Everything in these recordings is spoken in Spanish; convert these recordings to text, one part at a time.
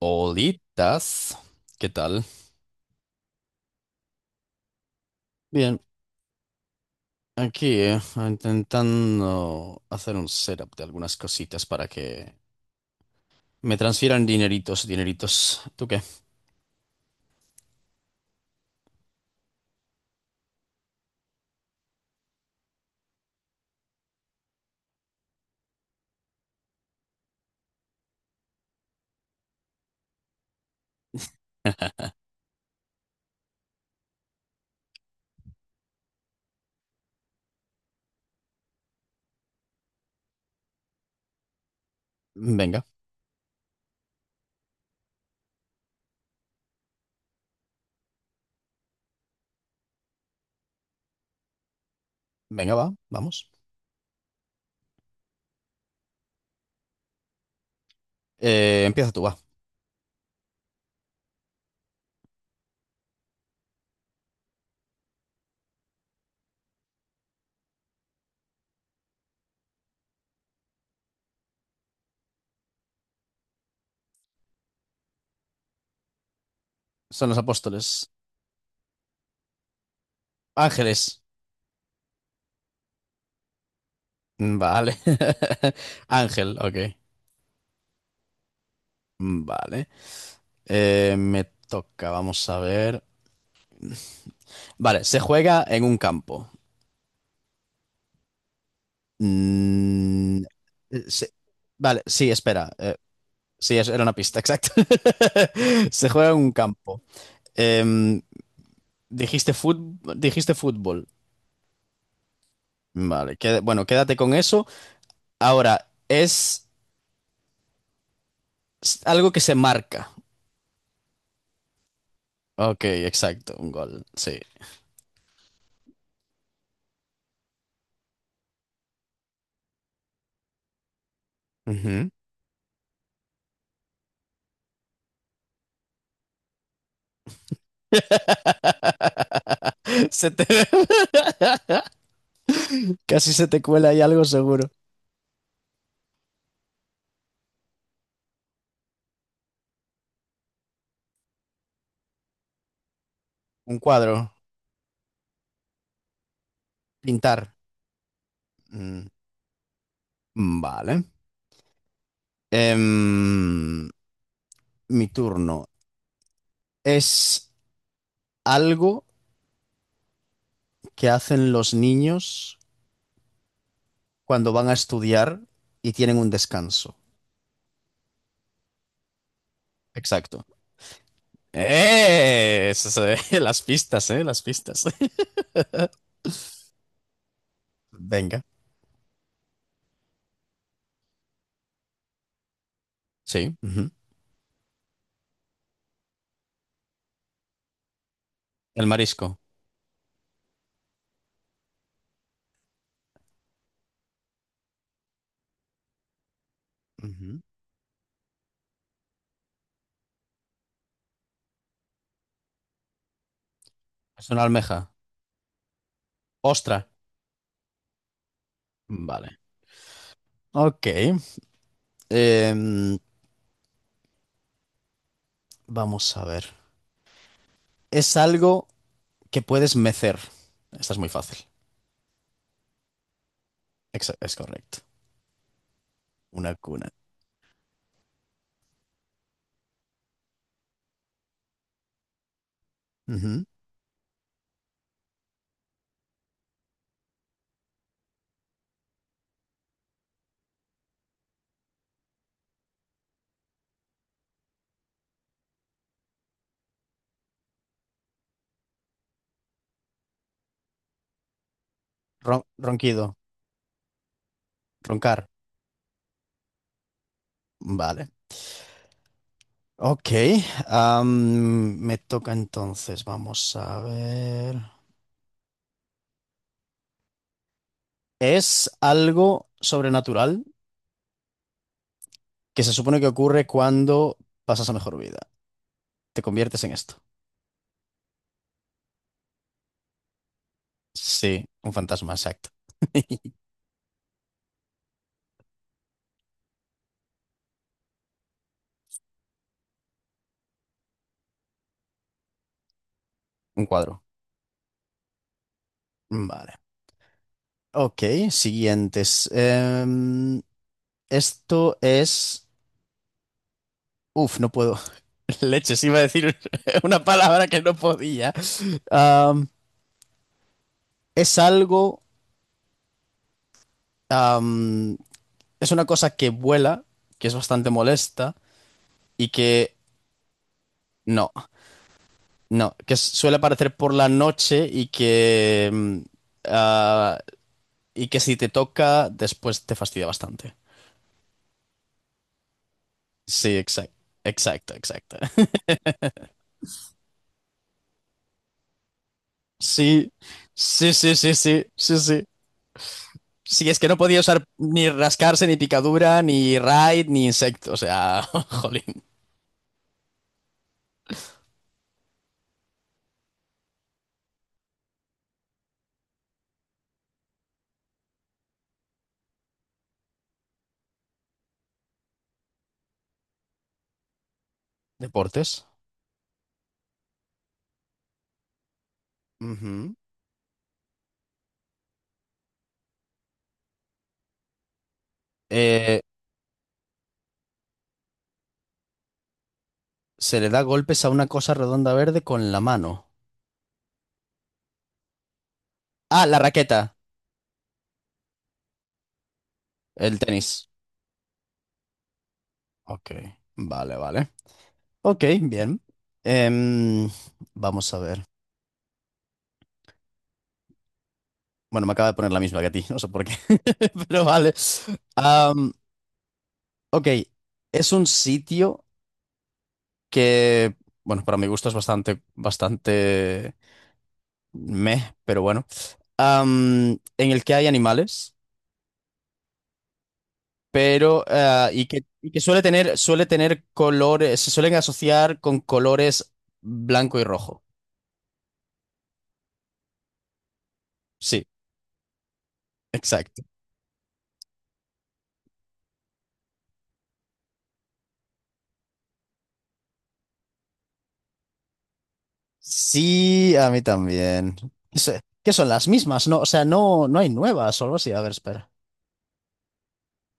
Olitas, ¿qué tal? Bien, aquí intentando hacer un setup de algunas cositas para que me transfieran dineritos, dineritos. ¿Tú qué? Venga, venga, va, vamos. Empieza tú, va. Son los apóstoles. Ángeles. Mm, vale. Ángel, ok. Mm, vale. Me toca, vamos a ver. Vale, se juega en un campo. Mm, eh, se- vale, sí, espera. Sí, era una pista, exacto. Se juega en un campo. Em, Dijiste fútbol, dijiste fútbol. Vale, bueno, quédate con eso. Ahora, es algo que se marca. Ok, exacto, un gol, sí. Ujú. Se te... Casi se te cuela ahí algo seguro. Un cuadro, pintar. Mm, vale. Em, Mi turno. Es algo que hacen los niños cuando van a estudiar y tienen un descanso. Exacto. ¡Eh! Esas, las pistas, ¿eh? Las pistas. Venga. Sí, ujú. El marisco. Ujú. Es una almeja. Ostra. Vale. Ok. Em, Vamos a ver. Es algo que puedes mecer. Esta es muy fácil. Es correcto. Una cuna. Ujú. Ronquido. Roncar. Vale. Ok, am, me toca entonces, vamos a ver. Es algo sobrenatural que se supone que ocurre cuando pasas a mejor vida. Te conviertes en esto. Sí, un fantasma, exacto. Un cuadro. Vale. Ok, siguientes. Esto es... uf, no puedo. Leches, iba a decir una palabra que no podía. Am, es algo... am, es una cosa que vuela, que es bastante molesta y que no, no, que suele aparecer por la noche y que ah, y que si te toca después te fastidia bastante. Sí, exacto, exacto, exacto. Sí, sí, sí, sí, sí, sí, sí. Sí, es que no podía usar ni rascarse, ni picadura, ni raid, ni insecto. O sea, jolín. Deportes. Ujú. Eh, se le da golpes a una cosa redonda verde con la mano. Ah, la raqueta. El tenis. Ok. Vale, vale. Ok, bien. Em, Vamos a ver. Bueno, me acaba de poner la misma que a ti, no sé por qué, pero vale. Am, ok, es un sitio que, bueno, para mi gusto es bastante, bastante meh, pero bueno. Am, en el que hay animales, pero, y que suele tener colores, se suelen asociar con colores blanco y rojo. Sí, exacto. Sí, a mí también. ¿Qué son las mismas? No, o sea, no, no hay nuevas o algo así. A ver, espera.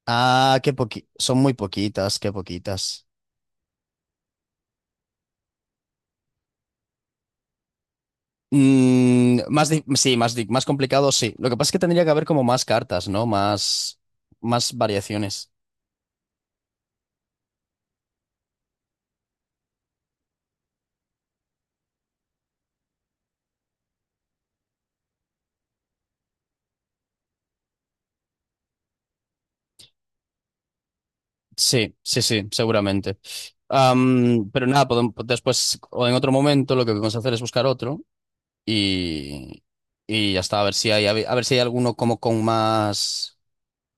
Ah, qué poqui... son muy poquitas, qué poquitas. Mm, sí, más complicado, sí. Lo que pasa es que tendría que haber como más cartas, ¿no? Más, más variaciones. Sí, sí, sí, seguramente. Pero nada, después o en otro momento lo que podemos hacer es buscar otro y, y ya está, a ver si hay, a ver si hay alguno como con más.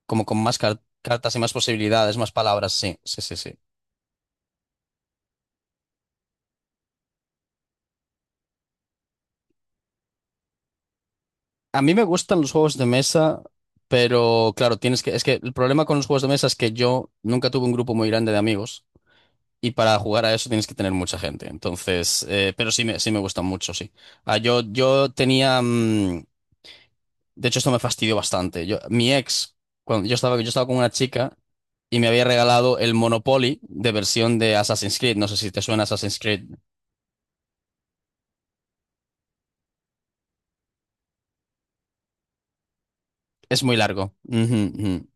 Como con más cartas y más posibilidades, más palabras, sí, sí, sí, sí. A mí me gustan los juegos de mesa, pero claro, es que el problema con los juegos de mesa es que yo nunca tuve un grupo muy grande de amigos y para jugar a eso tienes que tener mucha gente. Entonces, pero sí sí me gustan mucho, sí. Ah, yo tenía, de hecho esto me fastidió bastante. Yo, mi ex, yo estaba con una chica y me había regalado el Monopoly de versión de Assassin's Creed. No sé si te suena Assassin's Creed. Es muy largo. Ujú,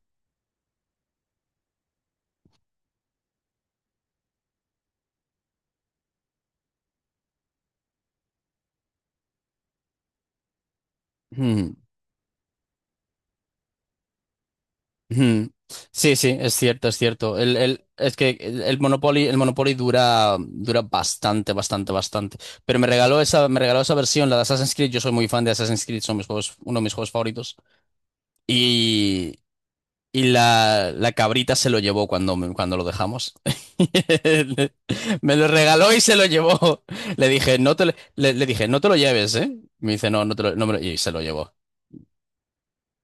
ujú, ujú. Ujú. Sí, sí, es cierto, es cierto. Es que el Monopoly dura, dura bastante, bastante, bastante. Pero me regaló esa versión, la de Assassin's Creed. Yo soy muy fan de Assassin's Creed, son mis juegos, uno de mis juegos favoritos. Y, y la cabrita se lo llevó cuando lo dejamos. Me lo regaló y se lo llevó. Le dije, no te, lo- le dije, no te lo lleves, ¿eh? Me dice, no me lo-". Y se lo llevó.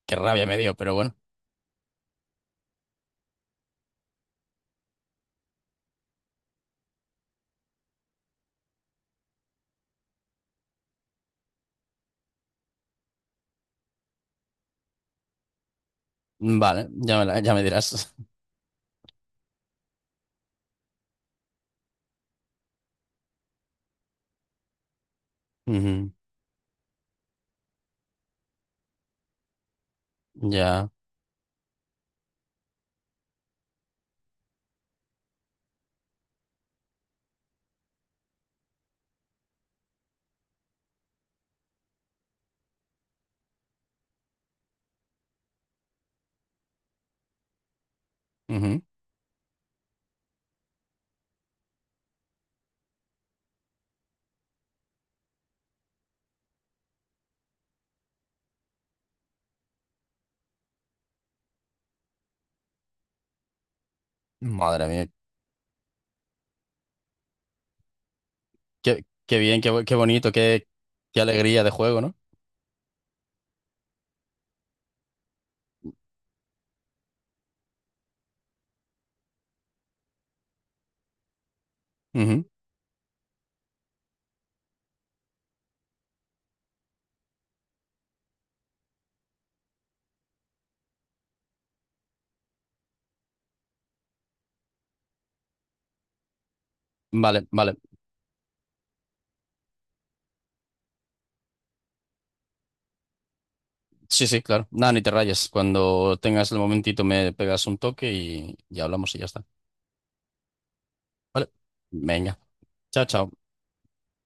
Qué rabia me dio, pero bueno. Vale, ya me dirás. Ujú. Ya. Ujú. Madre mía. Qué, qué bien, qué, qué bonito, qué, qué alegría de juego, ¿no? Ujú. Vale, vale. Sí, sí, claro. Nada, ni te rayes. Cuando tengas el momentito me pegas un toque y hablamos y ya está. Vale. Venga. Chao, chao.